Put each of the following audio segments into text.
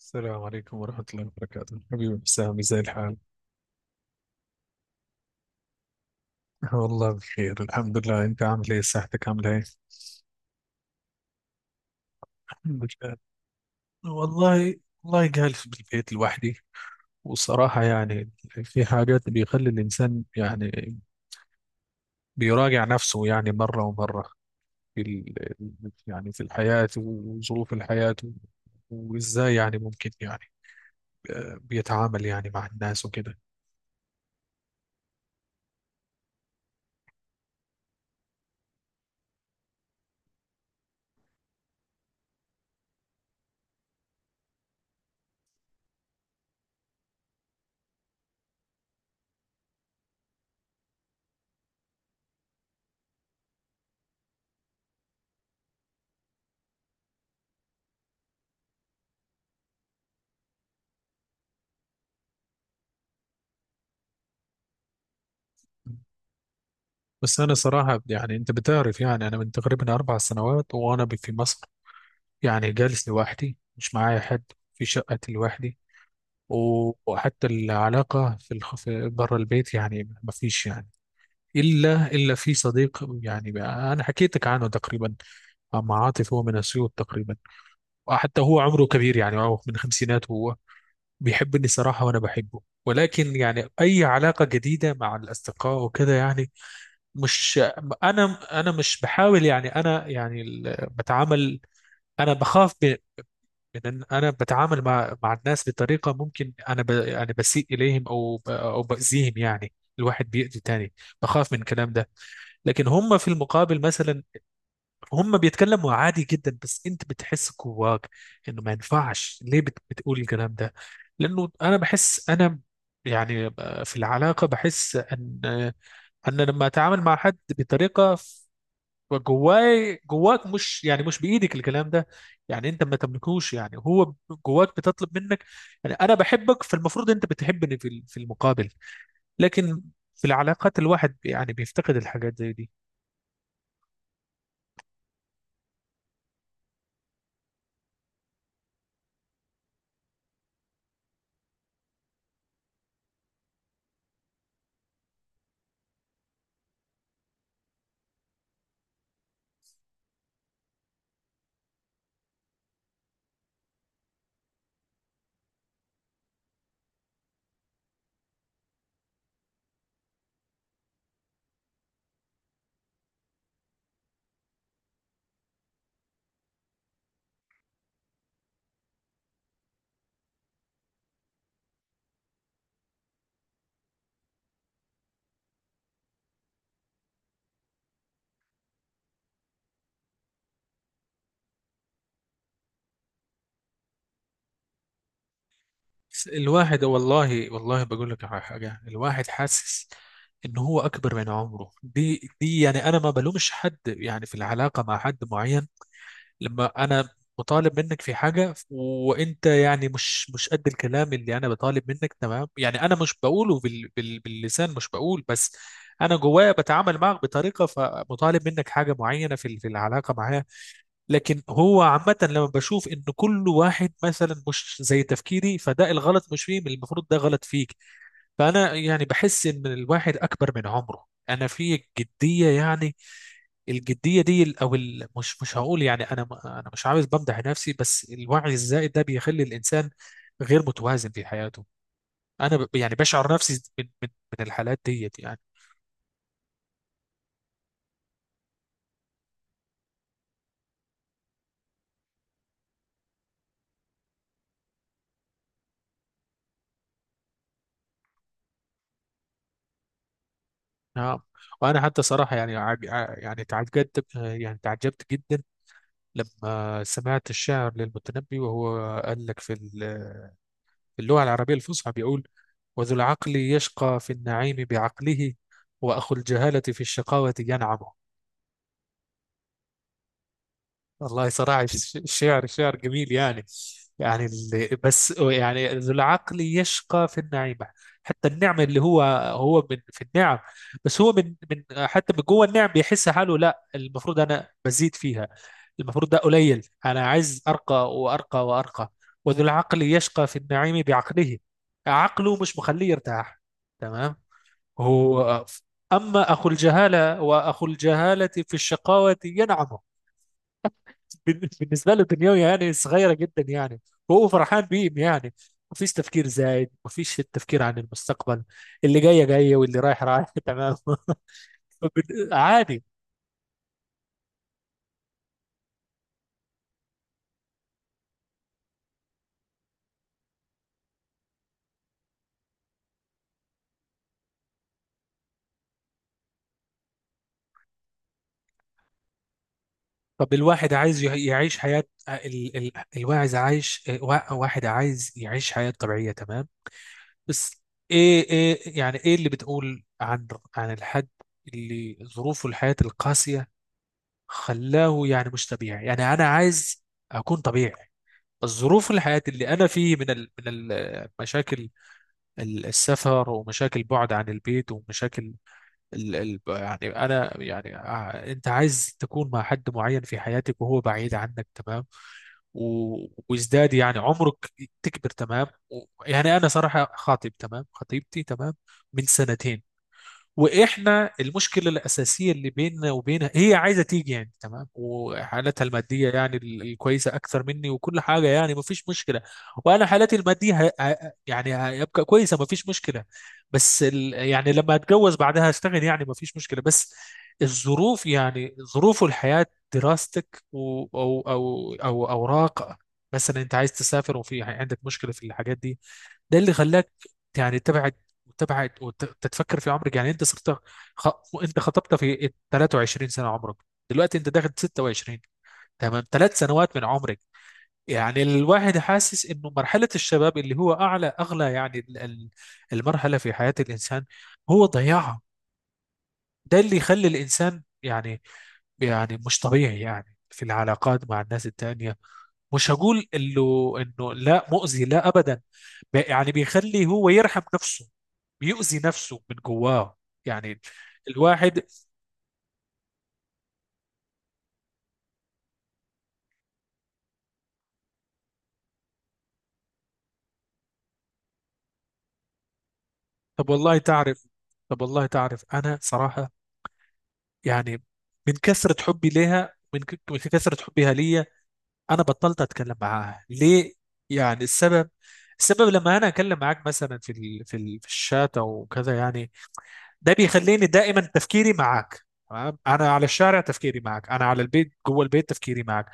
السلام عليكم ورحمة الله وبركاته، حبيبي حسامي، زي الحال؟ والله بخير الحمد لله. أنت عامل إيه؟ صحتك عاملة إيه؟ الحمد لله. والله والله، جالس بالبيت لوحدي. وصراحة يعني، في حاجات بيخلي الإنسان، يعني بيراجع نفسه، يعني مرة ومرة، في ال... يعني في الحياة وظروف الحياة، وإزاي يعني ممكن، يعني بيتعامل يعني مع الناس وكده. بس أنا صراحة، يعني أنت بتعرف، يعني أنا من تقريبا 4 سنوات وأنا في مصر، يعني جالس لوحدي، مش معايا حد، في شقتي لوحدي. و- وحتى العلاقة في بره البيت، يعني ما فيش، يعني إلا في صديق، أنا حكيتك عنه تقريبا، مع عاطف، هو من أسيوط تقريبا، وحتى هو عمره كبير، يعني هو من خمسينات. هو بيحبني صراحة وأنا بحبه، ولكن يعني أي علاقة جديدة مع الأصدقاء وكده، يعني مش أنا أنا مش بحاول، يعني أنا يعني بتعامل. أنا بخاف، لان انا بتعامل مع الناس بطريقه، ممكن انا بسيء اليهم، او باذيهم يعني، الواحد بيأذي تاني. بخاف من الكلام ده. لكن هم في المقابل مثلا، هم بيتكلموا عادي جدا، بس انت بتحس جواك انه ما ينفعش ليه بتقول الكلام ده، لانه انا بحس انا، يعني، في العلاقه بحس ان لما اتعامل مع حد بطريقه، جواي جواك، مش، يعني مش بايدك الكلام ده، يعني انت ما تملكوش، يعني هو جواك بتطلب منك، يعني انا بحبك، فالمفروض انت بتحبني في المقابل، لكن في العلاقات الواحد يعني بيفتقد الحاجات زي دي. الواحد، والله والله، بقول لك على حاجه. الواحد حاسس ان هو اكبر من عمره، دي، يعني انا ما بلومش حد، يعني في العلاقه مع حد معين، لما انا مطالب منك في حاجه، وانت يعني مش قد الكلام اللي انا بطالب منك، تمام، يعني انا مش بقوله باللسان، مش بقول بس، انا جوايا بتعامل معك بطريقه، فمطالب منك حاجه معينه في العلاقه معاه، لكن هو عامه، لما بشوف ان كل واحد مثلا مش زي تفكيري، فده الغلط مش فيه، المفروض ده غلط فيك، فانا يعني بحس ان الواحد اكبر من عمره، انا في جديه، يعني الجديه دي، مش هقول، يعني انا مش عاوز بمدح نفسي، بس الوعي الزائد ده بيخلي الانسان غير متوازن في حياته، يعني بشعر نفسي من الحالات ديت، يعني. نعم. وانا حتى صراحه، يعني يعني تعجبت، يعني تعجبت جدا لما سمعت الشعر للمتنبي، وهو قال لك، في اللغه العربيه الفصحى، بيقول: وذو العقل يشقى في النعيم بعقله، واخو الجهاله في الشقاوه ينعم. والله صراحة، الشعر شعر جميل، يعني، بس يعني، ذو العقل يشقى في النعيمة، حتى النعمة اللي هو من في النعم، بس هو من حتى من جوه النعم، بيحس حاله: لا، المفروض أنا بزيد فيها، المفروض ده قليل، أنا عايز أرقى وأرقى وأرقى. وذو العقل يشقى في النعيم بعقله، عقله مش مخليه يرتاح، تمام. هو، أما أخو الجهالة، وأخو الجهالة في الشقاوة ينعم، بالنسبه له دنيوي، يعني صغيره جدا، يعني وهو فرحان بيهم، يعني مفيش تفكير زايد، مفيش التفكير عن المستقبل، اللي جايه جايه واللي رايح رايح. تمام. عادي. طب الواحد عايز يعيش حياه ال... ال... الواعز عايش وا- واحد عايز يعيش حياه طبيعيه، تمام. بس ايه، يعني ايه اللي بتقول عن الحد اللي ظروفه الحياه القاسيه خلاه يعني مش طبيعي، يعني انا عايز اكون طبيعي. الظروف الحياة اللي أنا فيه، من المشاكل، السفر، ومشاكل بعد عن البيت، ومشاكل، ال ال يعني أنا يعني أنت عايز تكون مع حد معين في حياتك، وهو بعيد عنك، تمام، و- وازداد يعني عمرك، تكبر، تمام. يعني أنا صراحة خاطب، تمام، خطيبتي، تمام، من سنتين. واحنا المشكله الاساسيه اللي بيننا وبينها، هي عايزه تيجي يعني، تمام، وحالتها الماديه يعني الكويسه اكثر مني، وكل حاجه يعني ما فيش مشكله، وانا حالتي الماديه يعني هيبقى كويسه، ما فيش مشكله، بس يعني لما اتجوز بعدها اشتغل يعني ما فيش مشكله، بس الظروف، يعني ظروف الحياه، دراستك او اوراق، مثلا انت عايز تسافر وفي عندك مشكله في الحاجات دي، ده اللي خلاك يعني تتبع وتبعد، وتتفكر في عمرك، يعني انت صرت خ... انت خطبت في 23 سنه عمرك، دلوقتي انت داخل 26، تمام، 3 سنوات من عمرك، يعني الواحد حاسس انه مرحله الشباب اللي هو اغلى يعني المرحله في حياه الانسان هو ضياعها، ده اللي يخلي الانسان يعني مش طبيعي يعني في العلاقات مع الناس التانية، مش هقول انه لا، مؤذي، لا ابدا، يعني بيخلي هو يرحم نفسه، بيؤذي نفسه من جواه، يعني الواحد. طب والله تعرف طب والله تعرف، انا صراحة، يعني، من كثرة حبي ليها، من كثرة حبها ليا، انا بطلت اتكلم معاها. ليه؟ يعني السبب لما انا اتكلم معاك مثلا في الشات او كذا، يعني، ده بيخليني دائما تفكيري معاك. تمام. انا على الشارع تفكيري معك، انا على البيت جوه البيت تفكيري معك،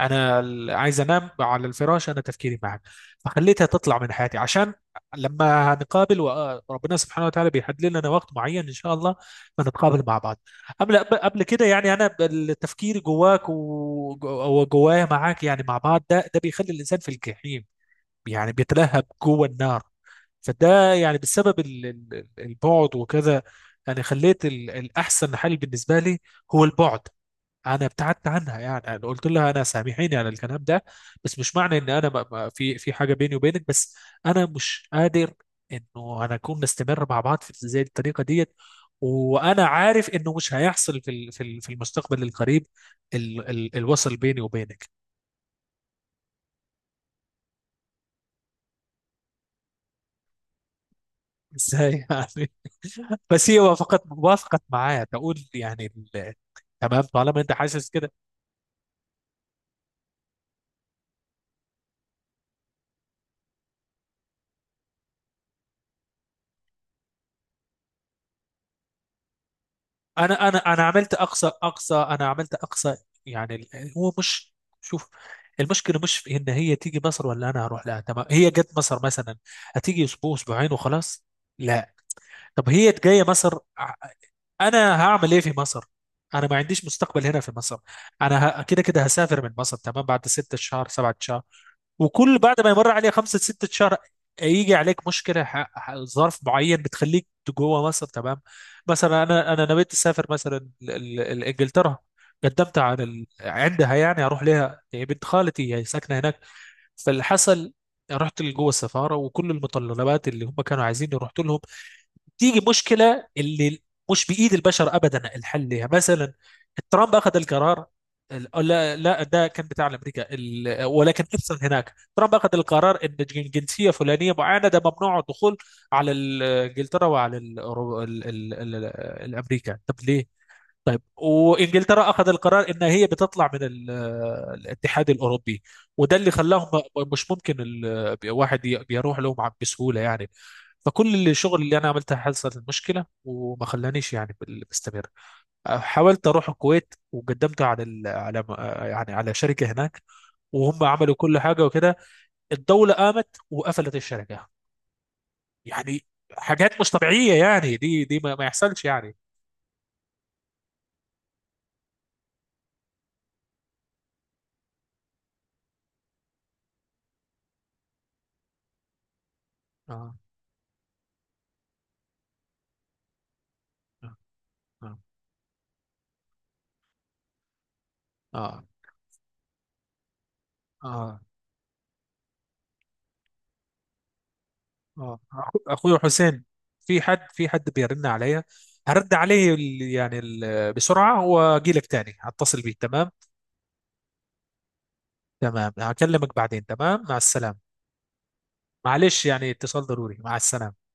انا عايز انام على الفراش، انا تفكيري معك، فخليتها تطلع من حياتي عشان لما هنقابل، وربنا سبحانه وتعالى بيحدد لنا وقت معين ان شاء الله، فنتقابل مع بعض. قبل كده يعني، انا التفكير جواك وجوايا معاك، يعني مع بعض، ده بيخلي الانسان في الجحيم، يعني بيتلهب جوه النار. فده يعني بسبب البعد وكذا، يعني خليت الأحسن حل بالنسبة لي هو البعد. أنا ابتعدت عنها، يعني أنا قلت لها: أنا سامحيني على الكلام ده، بس مش معنى إن أنا في حاجة بيني وبينك، بس أنا مش قادر إنه أنا أكون نستمر مع بعض في زي الطريقة ديت، وأنا عارف إنه مش هيحصل في المستقبل القريب، الوصل بيني وبينك. ازاي يعني؟ بس هي وافقت معايا، تقول يعني: ال- تمام، طالما انت حاسس كده. انا عملت اقصى. يعني هو مش. شوف، المشكله مش في ان هي تيجي مصر، ولا انا اروح لها، تمام. هي جت مصر مثلا، هتيجي اسبوع، اسبوعين، وخلاص. لا. طب هي جايه مصر، انا هعمل ايه في مصر؟ انا ما عنديش مستقبل هنا في مصر، انا كده كده هسافر من مصر، تمام بعد 6 شهر، 7 شهر، وكل بعد ما يمر عليه خمسة ستة شهر، يجي عليك مشكلة، ظرف معين بتخليك جوه مصر، تمام. مثلا أنا نويت أسافر مثلا لإنجلترا، قدمت على عندها يعني، أروح لها، هي بنت خالتي، هي ساكنة هناك، فاللي حصل، رحت لجوه السفارة، وكل المتطلبات اللي هم كانوا عايزيني رحت لهم، تيجي مشكله اللي مش بايد البشر ابدا الحل لها، مثلا ترامب اخذ القرار، لا، لا، ده كان بتاع امريكا، ولكن ابسط هناك، ترامب اخذ القرار ان جنسيه فلانيه معينه ده ممنوع الدخول على انجلترا، وعلى ال ال ال ال الامريكا. طب ليه؟ وانجلترا اخذ القرار ان هي بتطلع من الاتحاد الاوروبي، وده اللي خلاهم مش ممكن واحد بيروح لهم بسهوله، يعني. فكل اللي الشغل اللي انا عملتها، حصلت مشكله وما خلانيش يعني بستمر. حاولت اروح الكويت، وقدمت على يعني على شركه هناك، وهم عملوا كل حاجه وكده، الدوله قامت وقفلت الشركه، يعني حاجات مش طبيعيه، يعني دي ما يحصلش، يعني. اه، اه، اه، اه، آه. آه. اخوي حسين، في حد بيرن عليا، هرد عليه يعني بسرعه، واجي لك تاني، هتصل بيه، تمام. تمام، هكلمك بعدين، تمام، مع السلامة. معلش، يعني اتصال ضروري، مع السلامة.